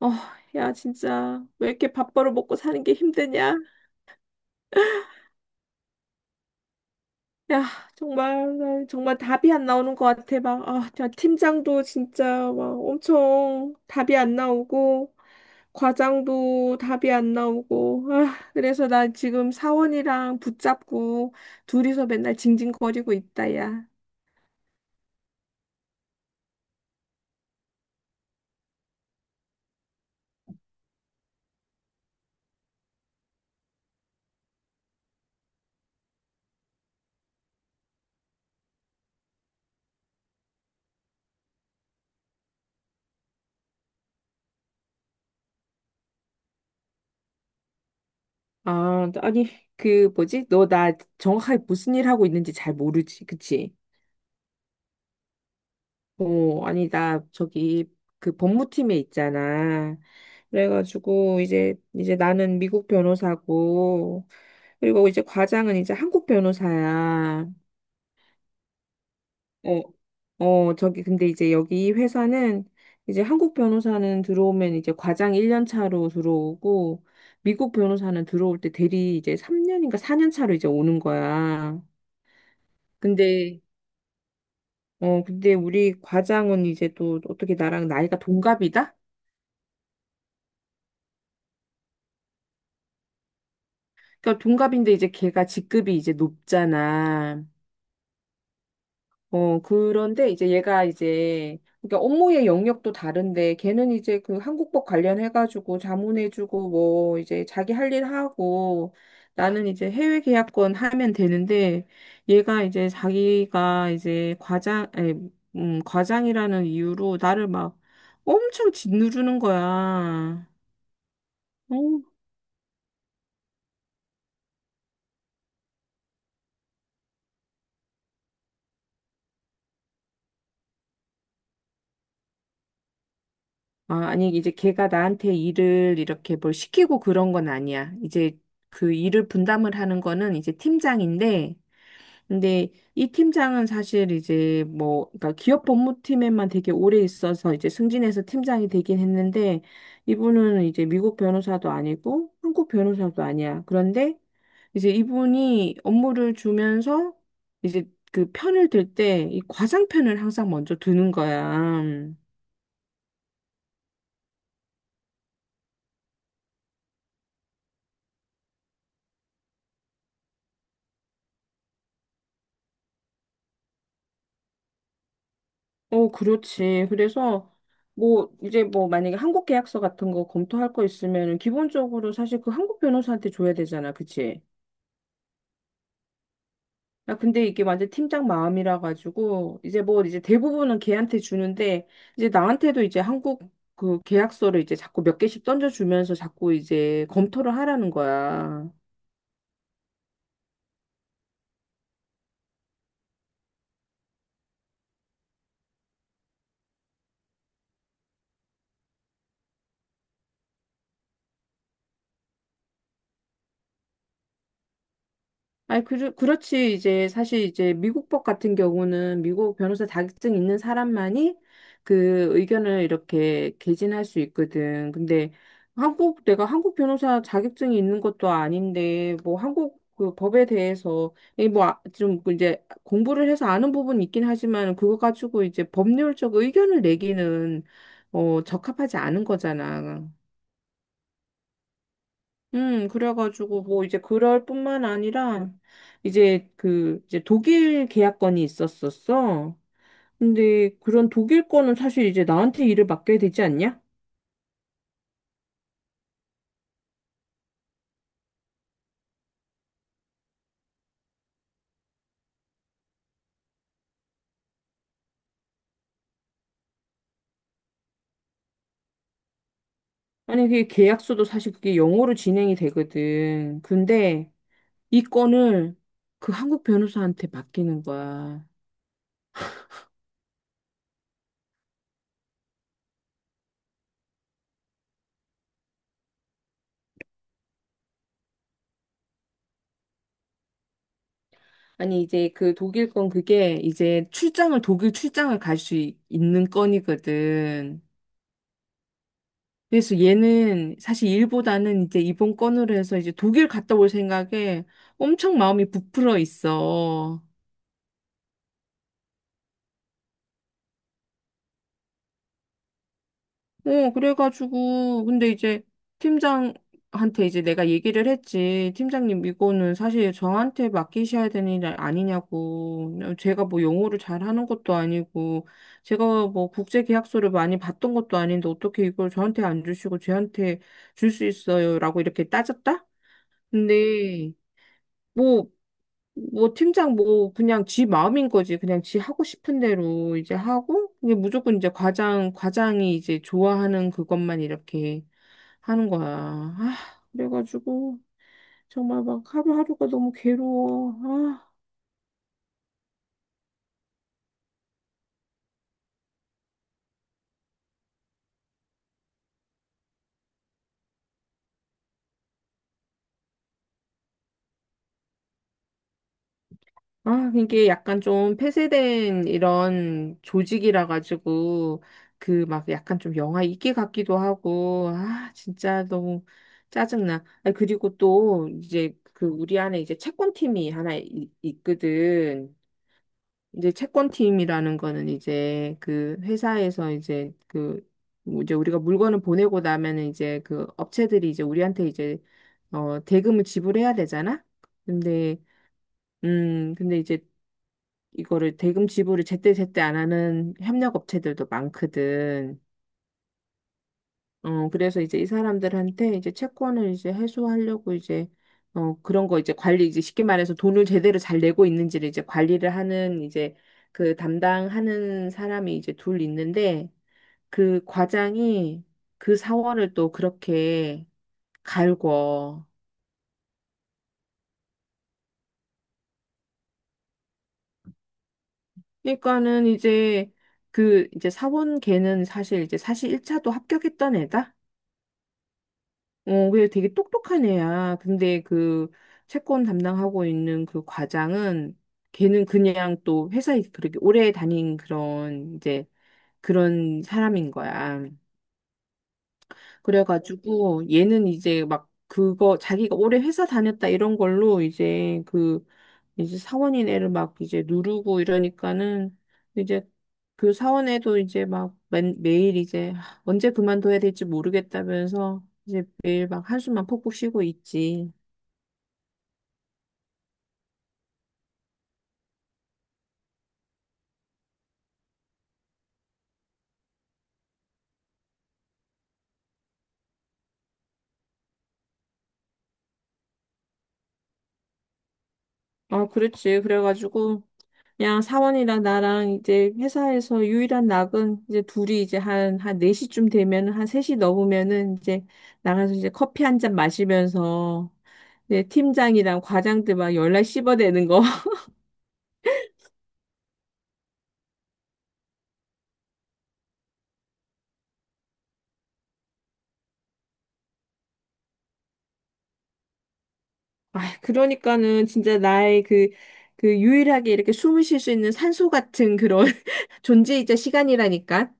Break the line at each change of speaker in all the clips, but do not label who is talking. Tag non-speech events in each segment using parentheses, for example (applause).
어, 야, 진짜, 왜 이렇게 밥벌어 먹고 사는 게 힘드냐? 야, 정말, 나 정말 답이 안 나오는 것 같아. 막, 아, 야, 팀장도 진짜 막 엄청 답이 안 나오고, 과장도 답이 안 나오고, 아, 그래서 나 지금 사원이랑 붙잡고, 둘이서 맨날 징징거리고 있다, 야. 아, 아니, 그, 뭐지? 너 나 정확하게 무슨 일 하고 있는지 잘 모르지, 그치? 어, 아니, 나, 저기, 그 법무팀에 있잖아. 그래가지고, 이제, 이제 나는 미국 변호사고, 그리고 이제 과장은 이제 한국 변호사야. 어, 어, 저기, 근데 이제 여기 이 회사는, 이제 한국 변호사는 들어오면 이제 과장 1년 차로 들어오고, 미국 변호사는 들어올 때 대리 이제 3년인가 4년 차로 이제 오는 거야. 근데, 어, 근데 우리 과장은 이제 또 어떻게 나랑 나이가 동갑이다? 그러니까 동갑인데 이제 걔가 직급이 이제 높잖아. 어, 그런데 이제 얘가 이제 그러니까 업무의 영역도 다른데 걔는 이제 그 한국법 관련해가지고 자문해주고 뭐 이제 자기 할 일 하고 나는 이제 해외 계약권 하면 되는데 얘가 이제 자기가 이제 과장, 아니, 과장이라는 이유로 나를 막 엄청 짓누르는 거야. 어. 아, 아니, 이제 걔가 나한테 일을 이렇게 뭘 시키고 그런 건 아니야. 이제 그 일을 분담을 하는 거는 이제 팀장인데, 근데 이 팀장은 사실 이제 뭐, 그러니까 기업 법무팀에만 되게 오래 있어서 이제 승진해서 팀장이 되긴 했는데, 이분은 이제 미국 변호사도 아니고 한국 변호사도 아니야. 그런데 이제 이분이 업무를 주면서 이제 그 편을 들 때 이 과장 편을 항상 먼저 드는 거야. 어, 그렇지. 그래서 뭐 이제 뭐 만약에 한국 계약서 같은 거 검토할 거 있으면은 기본적으로 사실 그 한국 변호사한테 줘야 되잖아. 그치? 아, 근데 이게 완전 팀장 마음이라 가지고 이제 뭐 이제 대부분은 걔한테 주는데 이제 나한테도 이제 한국 그 계약서를 이제 자꾸 몇 개씩 던져주면서 자꾸 이제 검토를 하라는 거야. 아니, 그, 그렇지. 이제 사실 이제 미국법 같은 경우는 미국 변호사 자격증 있는 사람만이 그 의견을 이렇게 개진할 수 있거든. 근데 한국, 내가 한국 변호사 자격증이 있는 것도 아닌데, 뭐 한국 그 법에 대해서, 이뭐좀 이제 공부를 해서 아는 부분이 있긴 하지만, 그거 가지고 이제 법률적 의견을 내기는, 어, 적합하지 않은 거잖아. 그래가지고 뭐 이제 그럴 뿐만 아니라 이제 그 이제 독일 계약건이 있었었어. 근데 그런 독일 거는 사실 이제 나한테 일을 맡겨야 되지 않냐? 아니 그게 계약서도 사실 그게 영어로 진행이 되거든. 근데 이 건을 그 한국 변호사한테 맡기는 거야. 아니 이제 그 독일 건 그게 이제 출장을 독일 출장을 갈 수 있는 건이거든. 그래서 얘는 사실 일보다는 이제 이번 건으로 해서 이제 독일 갔다 올 생각에 엄청 마음이 부풀어 있어. 어, 그래가지고, 근데 이제 팀장한테 이제 내가 얘기를 했지. 팀장님, 이거는 사실 저한테 맡기셔야 되는 일 아니냐고. 제가 뭐 영어를 잘하는 것도 아니고, 제가 뭐 국제 계약서를 많이 봤던 것도 아닌데 어떻게 이걸 저한테 안 주시고 쟤한테 줄 수 있어요? 라고 이렇게 따졌다? 근데, 뭐, 뭐 팀장 뭐 그냥 지 마음인 거지. 그냥 지 하고 싶은 대로 이제 하고 이게 무조건 이제 과장이 이제 좋아하는 그것만 이렇게 하는 거야. 아, 그래가지고 정말 막 하루하루가 너무 괴로워. 아. 아, 이게 약간 좀 폐쇄된 이런 조직이라 가지고 그 막 약간 좀 영화 있게 같기도 하고 아, 진짜 너무 짜증나. 아, 그리고 또 이제 그 우리 안에 이제 채권팀이 하나 있거든. 이제 채권팀이라는 거는 이제 그 회사에서 이제 그뭐 이제 우리가 물건을 보내고 나면은 이제 그 업체들이 이제 우리한테 이제 어 대금을 지불해야 되잖아. 근데 근데 이제 이거를 대금 지불을 제때제때 안 하는 협력 업체들도 많거든. 어, 그래서 이제 이 사람들한테 이제 채권을 이제 해소하려고 이제 어, 그런 거 이제 관리 이제 쉽게 말해서 돈을 제대로 잘 내고 있는지를 이제 관리를 하는 이제 그 담당하는 사람이 이제 둘 있는데 그 과장이 그 사원을 또 그렇게 갈궈. 그러니까는 이제 그 이제 사원 걔는 사실 이제 사실 1차도 합격했던 애다. 어, 그래 되게 똑똑한 애야. 근데 그 채권 담당하고 있는 그 과장은 걔는 그냥 또 회사에 그렇게 오래 다닌 그런 이제 그런 사람인 거야. 그래가지고 얘는 이제 막 그거 자기가 오래 회사 다녔다 이런 걸로 이제 그 이제 사원인 애를 막 이제 누르고 이러니까는 이제 그 사원에도 이제 막 매, 매일 이제 언제 그만둬야 될지 모르겠다면서 이제 매일 막 한숨만 푹푹 쉬고 있지. 어, 그렇지. 그래가지고, 그냥 사원이랑 나랑 이제 회사에서 유일한 낙은 이제 둘이 이제 한, 한 4시쯤 되면은, 한 3시 넘으면은 이제 나가서 이제 커피 한 잔 마시면서, 이제 팀장이랑 과장들 막 열날 씹어대는 거. (laughs) 아, 그러니까는 진짜 나의 그, 그 유일하게 이렇게 숨을 쉴 수 있는 산소 같은 그런 (laughs) 존재이자 시간이라니까.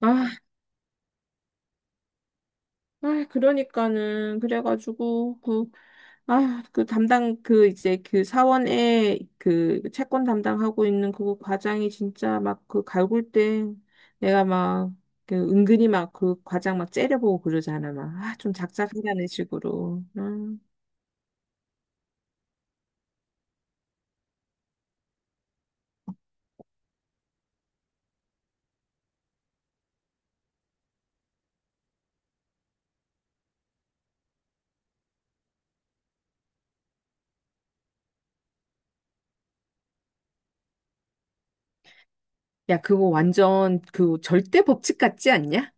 아, 아, 그러니까는 그래가지고 그 아, 그 담당, 그 이제 그 사원에 그 채권 담당하고 있는 그 과장이 진짜 막 그 갈굴 때 내가 막 그 은근히 막 그 과장 막 째려보고 그러잖아. 막, 아, 좀 작작하라는 식으로. 음. 야, 그거 완전 그 절대 법칙 같지 않냐?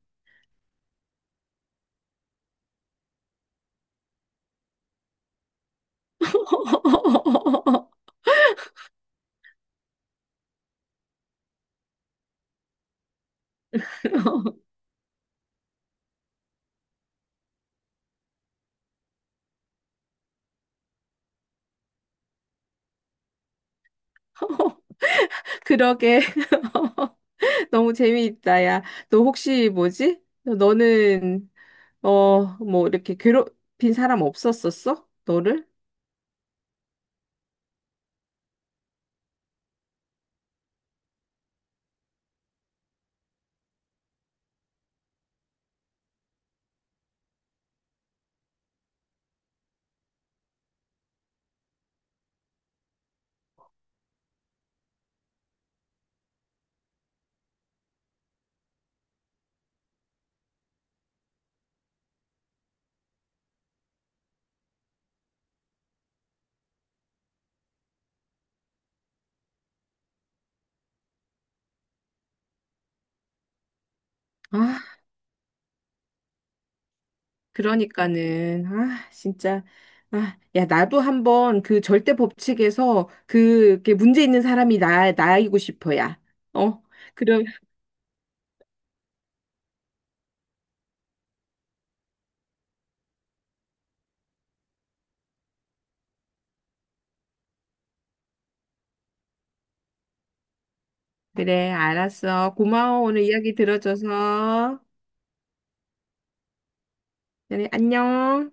(laughs) 그러게. (laughs) 너무 재미있다, 야. 너 혹시 뭐지? 너는, 어, 뭐 이렇게 괴롭힌 사람 없었었어? 너를? 아, 그러니까는, 아, 진짜, 아, 야, 나도 한번 그 절대 법칙에서 그, 그 문제 있는 사람이 나, 나이고 싶어, 야. 어? 그럼, 그래, 알았어. 고마워, 오늘 이야기 들어줘서. 그래, 안녕.